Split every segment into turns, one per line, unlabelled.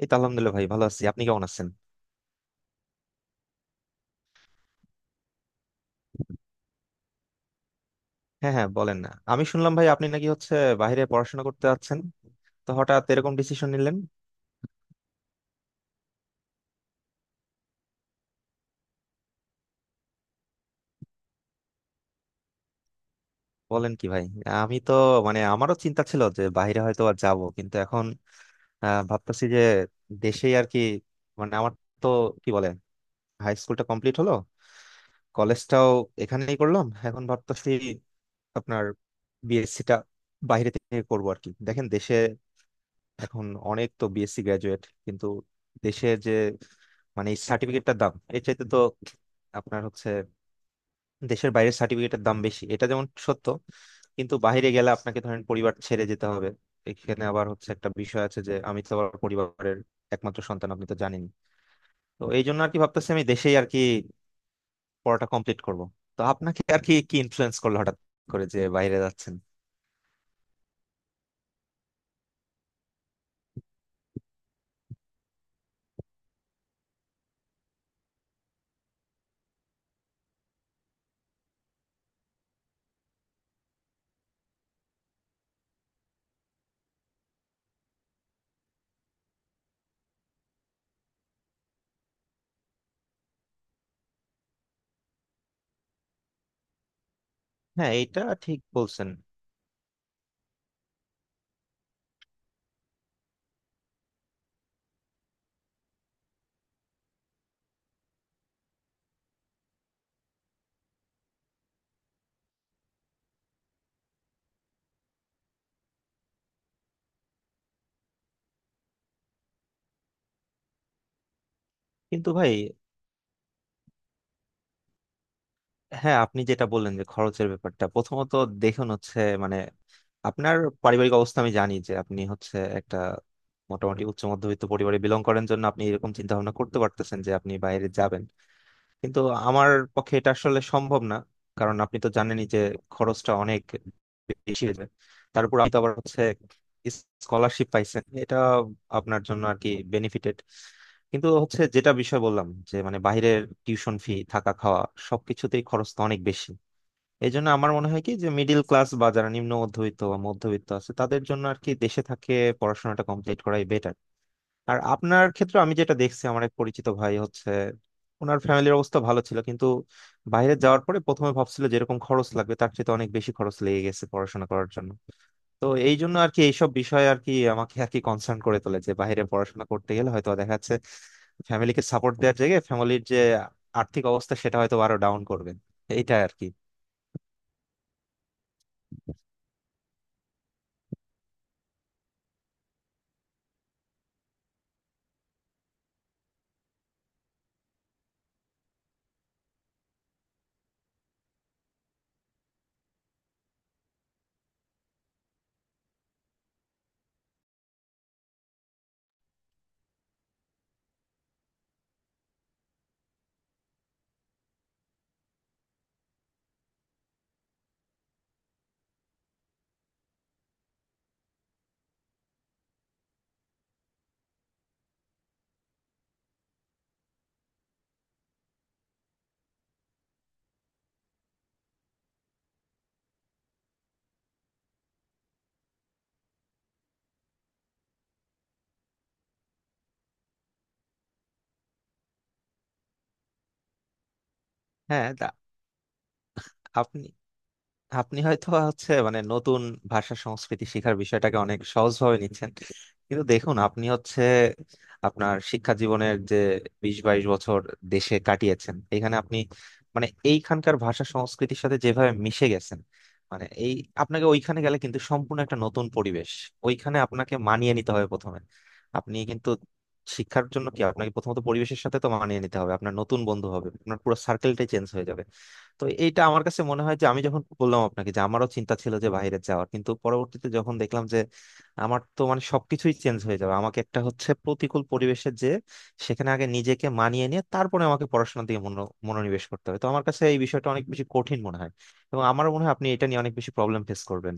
এই তো আলহামদুলিল্লাহ ভাই, ভালো আছি। আপনি কেমন আছেন? হ্যাঁ হ্যাঁ, বলেন না। আমি শুনলাম ভাই, আপনি নাকি হচ্ছে বাইরে পড়াশোনা করতে যাচ্ছেন। তো হঠাৎ এরকম ডিসিশন নিলেন? বলেন কি ভাই! আমি তো মানে আমারও চিন্তা ছিল যে বাইরে হয়তো আর যাব, কিন্তু এখন ভাবতেছি যে দেশেই আর কি। মানে আমার তো, কি বলে, হাই স্কুলটা কমপ্লিট হলো, কলেজটাও এখানেই করলাম। এখন ভাবতেছি আপনার বিএসসিটা বাইরে থেকে করবো আর কি। দেখেন, দেশে এখন অনেক তো বিএসসি গ্রাজুয়েট, কিন্তু দেশের যে মানে সার্টিফিকেটটার দাম এর চাইতে তো আপনার হচ্ছে দেশের বাইরের সার্টিফিকেটের দাম বেশি, এটা যেমন সত্য, কিন্তু বাইরে গেলে আপনাকে ধরেন পরিবার ছেড়ে যেতে হবে। এখানে আবার হচ্ছে একটা বিষয় আছে যে, আমি তো আবার পরিবারের একমাত্র সন্তান, আপনি তো জানেন। তো এই জন্য আর কি ভাবতেছি আমি দেশেই আর কি পড়াটা কমপ্লিট করব। তো আপনাকে আর কি কি ইনফ্লুয়েন্স করলো হঠাৎ করে যে বাইরে যাচ্ছেন? হ্যাঁ, এটা ঠিক বলছেন। কিন্তু ভাই, হ্যাঁ আপনি যেটা বললেন যে খরচের ব্যাপারটা, প্রথমত দেখুন হচ্ছে মানে আপনার পারিবারিক অবস্থা আমি জানি যে, আপনি হচ্ছে একটা মোটামুটি উচ্চ মধ্যবিত্ত পরিবারে বিলং করেন জন্য আপনি এরকম চিন্তা ভাবনা করতে পারতেছেন যে আপনি বাইরে যাবেন। কিন্তু আমার পক্ষে এটা আসলে সম্ভব না, কারণ আপনি তো জানেনই যে খরচটা অনেক বেশি হয়ে যায়। তারপর আপনি তো আবার হচ্ছে স্কলারশিপ পাইছেন, এটা আপনার জন্য আর কি বেনিফিটেড, কিন্তু হচ্ছে যেটা বিষয় বললাম যে মানে বাইরের টিউশন ফি, থাকা খাওয়া সবকিছুতেই খরচ তো অনেক বেশি। এই জন্য আমার মনে হয় কি যে, মিডিল ক্লাস বা যারা নিম্ন মধ্যবিত্ত বা মধ্যবিত্ত আছে তাদের জন্য আর কি দেশে থাকে পড়াশোনাটা কমপ্লিট করাই বেটার। আর আপনার ক্ষেত্রে আমি যেটা দেখছি, আমার এক পরিচিত ভাই হচ্ছে ওনার ফ্যামিলির অবস্থা ভালো ছিল কিন্তু বাইরে যাওয়ার পরে প্রথমে ভাবছিল যেরকম খরচ লাগবে তার চেয়ে তো অনেক বেশি খরচ লেগে গেছে পড়াশোনা করার জন্য। তো এই জন্য আর কি এইসব বিষয় আর কি আমাকে আর কি কনসার্ন করে তোলে যে, বাইরে পড়াশোনা করতে গেলে হয়তো দেখা যাচ্ছে ফ্যামিলিকে সাপোর্ট দেওয়ার জায়গায় ফ্যামিলির যে আর্থিক অবস্থা সেটা হয়তো আরো ডাউন করবেন, এইটা আর কি। হ্যাঁ তা, আপনি আপনি হয়তো হচ্ছে মানে নতুন ভাষা সংস্কৃতি শিখার বিষয়টাকে অনেক সহজভাবে নিচ্ছেন, কিন্তু দেখুন আপনি হচ্ছে আপনার শিক্ষা জীবনের যে 20-22 বছর দেশে কাটিয়েছেন, এখানে আপনি মানে এইখানকার ভাষা সংস্কৃতির সাথে যেভাবে মিশে গেছেন, মানে এই আপনাকে ওইখানে গেলে কিন্তু সম্পূর্ণ একটা নতুন পরিবেশ, ওইখানে আপনাকে মানিয়ে নিতে হবে প্রথমে। আপনি কিন্তু শিক্ষার জন্য কি আপনাকে প্রথমত পরিবেশের সাথে তো মানিয়ে নিতে হবে, আপনার নতুন বন্ধু হবে, আপনার পুরো সার্কেলটাই চেঞ্জ হয়ে যাবে। তো এইটা আমার কাছে মনে হয় যে, আমি যখন বললাম আপনাকে যে আমারও চিন্তা ছিল যে বাইরে যাওয়ার, কিন্তু পরবর্তীতে যখন দেখলাম যে আমার তো মানে সবকিছুই চেঞ্জ হয়ে যাবে, আমাকে একটা হচ্ছে প্রতিকূল পরিবেশে যে সেখানে আগে নিজেকে মানিয়ে নিয়ে তারপরে আমাকে পড়াশোনার দিকে মনোনিবেশ করতে হবে, তো আমার কাছে এই বিষয়টা অনেক বেশি কঠিন মনে হয়। এবং আমারও মনে হয় আপনি এটা নিয়ে অনেক বেশি প্রবলেম ফেস করবেন।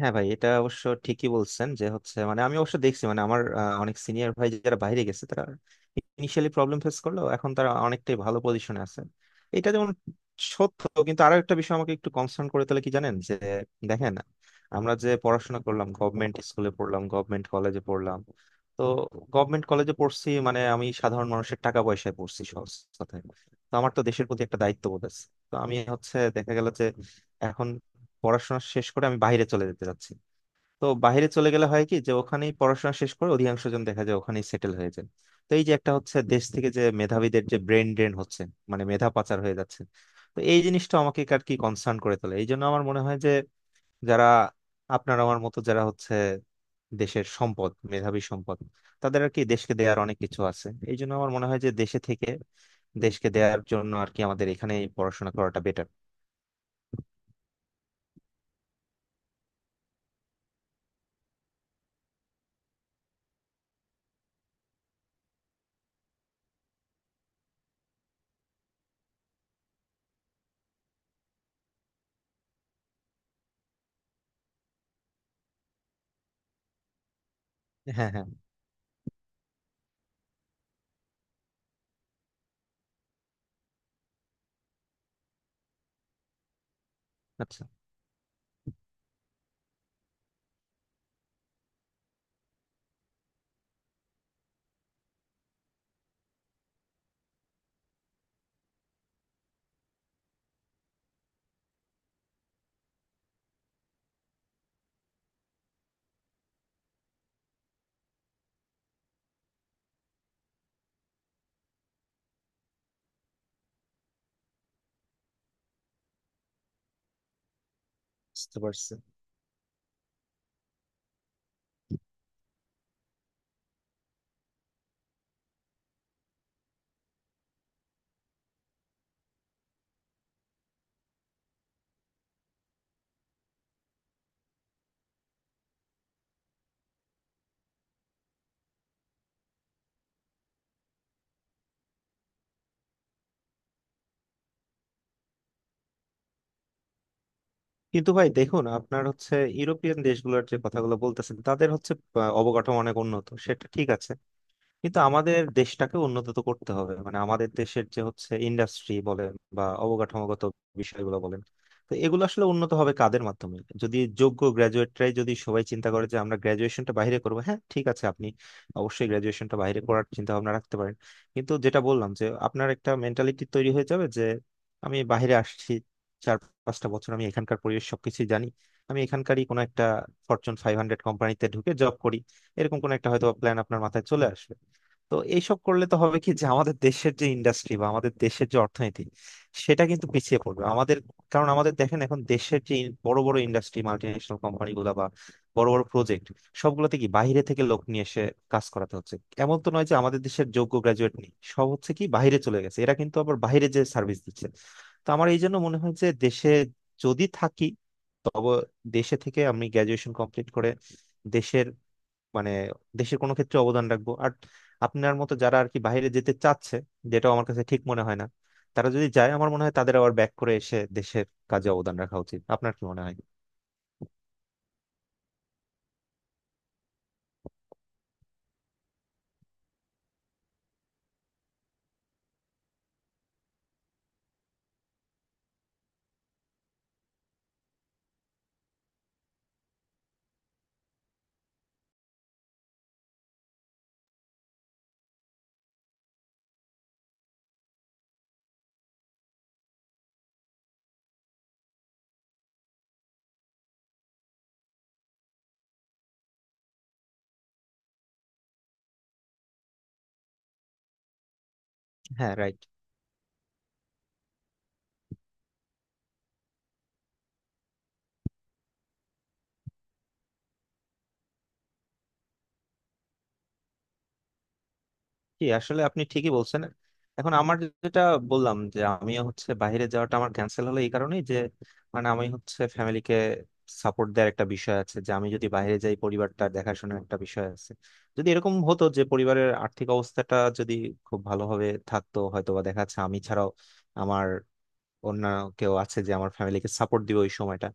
হ্যাঁ ভাই, এটা অবশ্য ঠিকই বলছেন যে হচ্ছে মানে আমি অবশ্য দেখছি মানে আমার অনেক সিনিয়র ভাই যারা বাইরে গেছে তারা ইনিশিয়ালি প্রবলেম ফেস করলো, এখন তারা অনেকটাই ভালো পজিশনে আছে, এটা যেমন সত্য। কিন্তু আরো একটা বিষয় আমাকে একটু কনসার্ন করে, তাহলে কি জানেন যে, দেখেন আমরা যে পড়াশোনা করলাম গভর্নমেন্ট স্কুলে পড়লাম, গভর্নমেন্ট কলেজে পড়লাম, তো গভর্নমেন্ট কলেজে পড়ছি মানে আমি সাধারণ মানুষের টাকা পয়সায় পড়ছি সহজ কথায়। তো আমার তো দেশের প্রতি একটা দায়িত্ববোধ আছে। তো আমি হচ্ছে দেখা গেল যে এখন পড়াশোনা শেষ করে আমি বাইরে চলে যেতে চাচ্ছি, তো বাইরে চলে গেলে হয় কি যে ওখানেই পড়াশোনা শেষ করে অধিকাংশ জন দেখা যায় ওখানেই সেটেল হয়ে যায়। তো এই যে একটা হচ্ছে দেশ থেকে যে মেধাবীদের যে ব্রেন ড্রেন হচ্ছে মানে মেধা পাচার হয়ে যাচ্ছে, তো এই জিনিসটা আমাকে আর কি কনসার্ন করে তোলে। এই জন্য আমার মনে হয় যে যারা আপনার আমার মতো যারা হচ্ছে দেশের সম্পদ, মেধাবী সম্পদ, তাদের আর কি দেশকে দেওয়ার অনেক কিছু আছে। এই জন্য আমার মনে হয় যে দেশে থেকে দেশকে দেওয়ার জন্য আর কি আমাদের এখানেই পড়াশোনা করাটা বেটার। হ্যাঁ হ্যাঁ, আচ্ছা, বুঝতে পারছি। কিন্তু ভাই দেখুন আপনার হচ্ছে ইউরোপিয়ান দেশগুলোর যে কথাগুলো বলতেছেন তাদের হচ্ছে অবকাঠামো অনেক উন্নত, সেটা ঠিক আছে, কিন্তু আমাদের দেশটাকে উন্নত তো করতে হবে। মানে আমাদের দেশের যে হচ্ছে ইন্ডাস্ট্রি বলেন বা অবকাঠামোগত বিষয়গুলো বলেন, তো এগুলো আসলে উন্নত হবে কাদের মাধ্যমে? যদি যোগ্য গ্রাজুয়েটরাই যদি সবাই চিন্তা করে যে আমরা গ্রাজুয়েশনটা বাইরে করবো, হ্যাঁ ঠিক আছে আপনি অবশ্যই গ্রাজুয়েশনটা বাইরে করার চিন্তা ভাবনা রাখতে পারেন, কিন্তু যেটা বললাম যে আপনার একটা মেন্টালিটি তৈরি হয়ে যাবে যে আমি বাইরে আসছি 4-5টা বছর, আমি এখানকার পরিবেশ সবকিছু জানি, আমি এখানকারই কোনো একটা ফরচুন 500 কোম্পানিতে ঢুকে জব করি, এরকম কোন একটা হয়তো প্ল্যান আপনার মাথায় চলে আসবে। তো এইসব করলে তো হবে কি যে আমাদের দেশের যে ইন্ডাস্ট্রি বা আমাদের দেশের যে অর্থনীতি সেটা কিন্তু পিছিয়ে পড়বে আমাদের। কারণ আমাদের দেখেন, এখন দেশের যে বড় বড় ইন্ডাস্ট্রি, মাল্টিন্যাশনাল কোম্পানি গুলা বা বড় বড় প্রজেক্ট, সবগুলোতে কি বাইরে থেকে লোক নিয়ে এসে কাজ করাতে হচ্ছে? এমন তো নয় যে আমাদের দেশের যোগ্য গ্রাজুয়েট নেই, সব হচ্ছে কি বাইরে চলে গেছে, এরা কিন্তু আবার বাইরে যে সার্ভিস দিচ্ছে। তো আমার এই জন্য মনে হয় যে দেশে যদি থাকি, তবে দেশে থেকে আমি গ্রাজুয়েশন কমপ্লিট করে দেশের মানে দেশের কোনো ক্ষেত্রে অবদান রাখবো। আর আপনার মতো যারা আর কি বাইরে যেতে চাচ্ছে, যেটা আমার কাছে ঠিক মনে হয় না, তারা যদি যায় আমার মনে হয় তাদের আবার ব্যাক করে এসে দেশের কাজে অবদান রাখা উচিত। আপনার কি মনে হয়? হ্যাঁ রাইট। জি আসলে আপনি ঠিকই বলছেন। এখন আমার যেটা বললাম যে আমি হচ্ছে বাইরে যাওয়াটা আমার ক্যান্সেল হলো এই কারণেই যে মানে আমি হচ্ছে ফ্যামিলিকে সাপোর্ট দেওয়ার একটা বিষয় আছে যে, আমি যদি বাইরে যাই পরিবারটা দেখাশোনার একটা বিষয় আছে। যদি এরকম হতো যে পরিবারের আর্থিক অবস্থাটা যদি খুব ভালোভাবে থাকতো, হয়তো বা দেখা যাচ্ছে আমি ছাড়াও আমার অন্য কেউ আছে যে আমার ফ্যামিলিকে সাপোর্ট দিবে ওই সময়টা,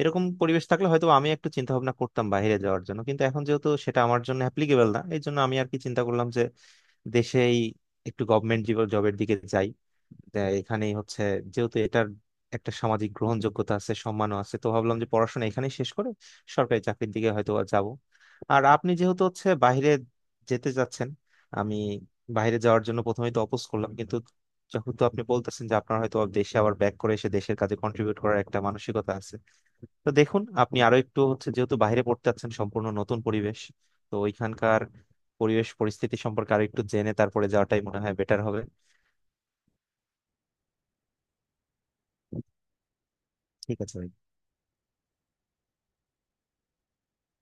এরকম পরিবেশ থাকলে হয়তো আমি একটু চিন্তা ভাবনা করতাম বাইরে যাওয়ার জন্য, কিন্তু এখন যেহেতু সেটা আমার জন্য অ্যাপ্লিকেবল না, এই জন্য আমি আর কি চিন্তা করলাম যে দেশেই একটু গভর্নমেন্ট জবের দিকে যাই। যে এখানেই হচ্ছে, যেহেতু এটার একটা সামাজিক গ্রহণযোগ্যতা আছে, সম্মানও আছে, তো ভাবলাম যে পড়াশোনা এখানেই শেষ করে সরকারি চাকরির দিকে হয়তো বা যাব। আর আপনি যেহেতু হচ্ছে বাইরে যেতে যাচ্ছেন, আমি বাইরে যাওয়ার জন্য প্রথমেই তো অপোজ করলাম, কিন্তু যেহেতু আপনি বলতেছেন যে আপনার হয়তো দেশে আবার ব্যাক করে এসে দেশের কাজে কন্ট্রিবিউট করার একটা মানসিকতা আছে, তো দেখুন আপনি আরো একটু হচ্ছে যেহেতু বাইরে পড়তে যাচ্ছেন সম্পূর্ণ নতুন পরিবেশ, তো ওইখানকার পরিবেশ পরিস্থিতি সম্পর্কে আরো একটু জেনে তারপরে যাওয়াটাই মনে হয় বেটার হবে। ঠিক আছে ভাই।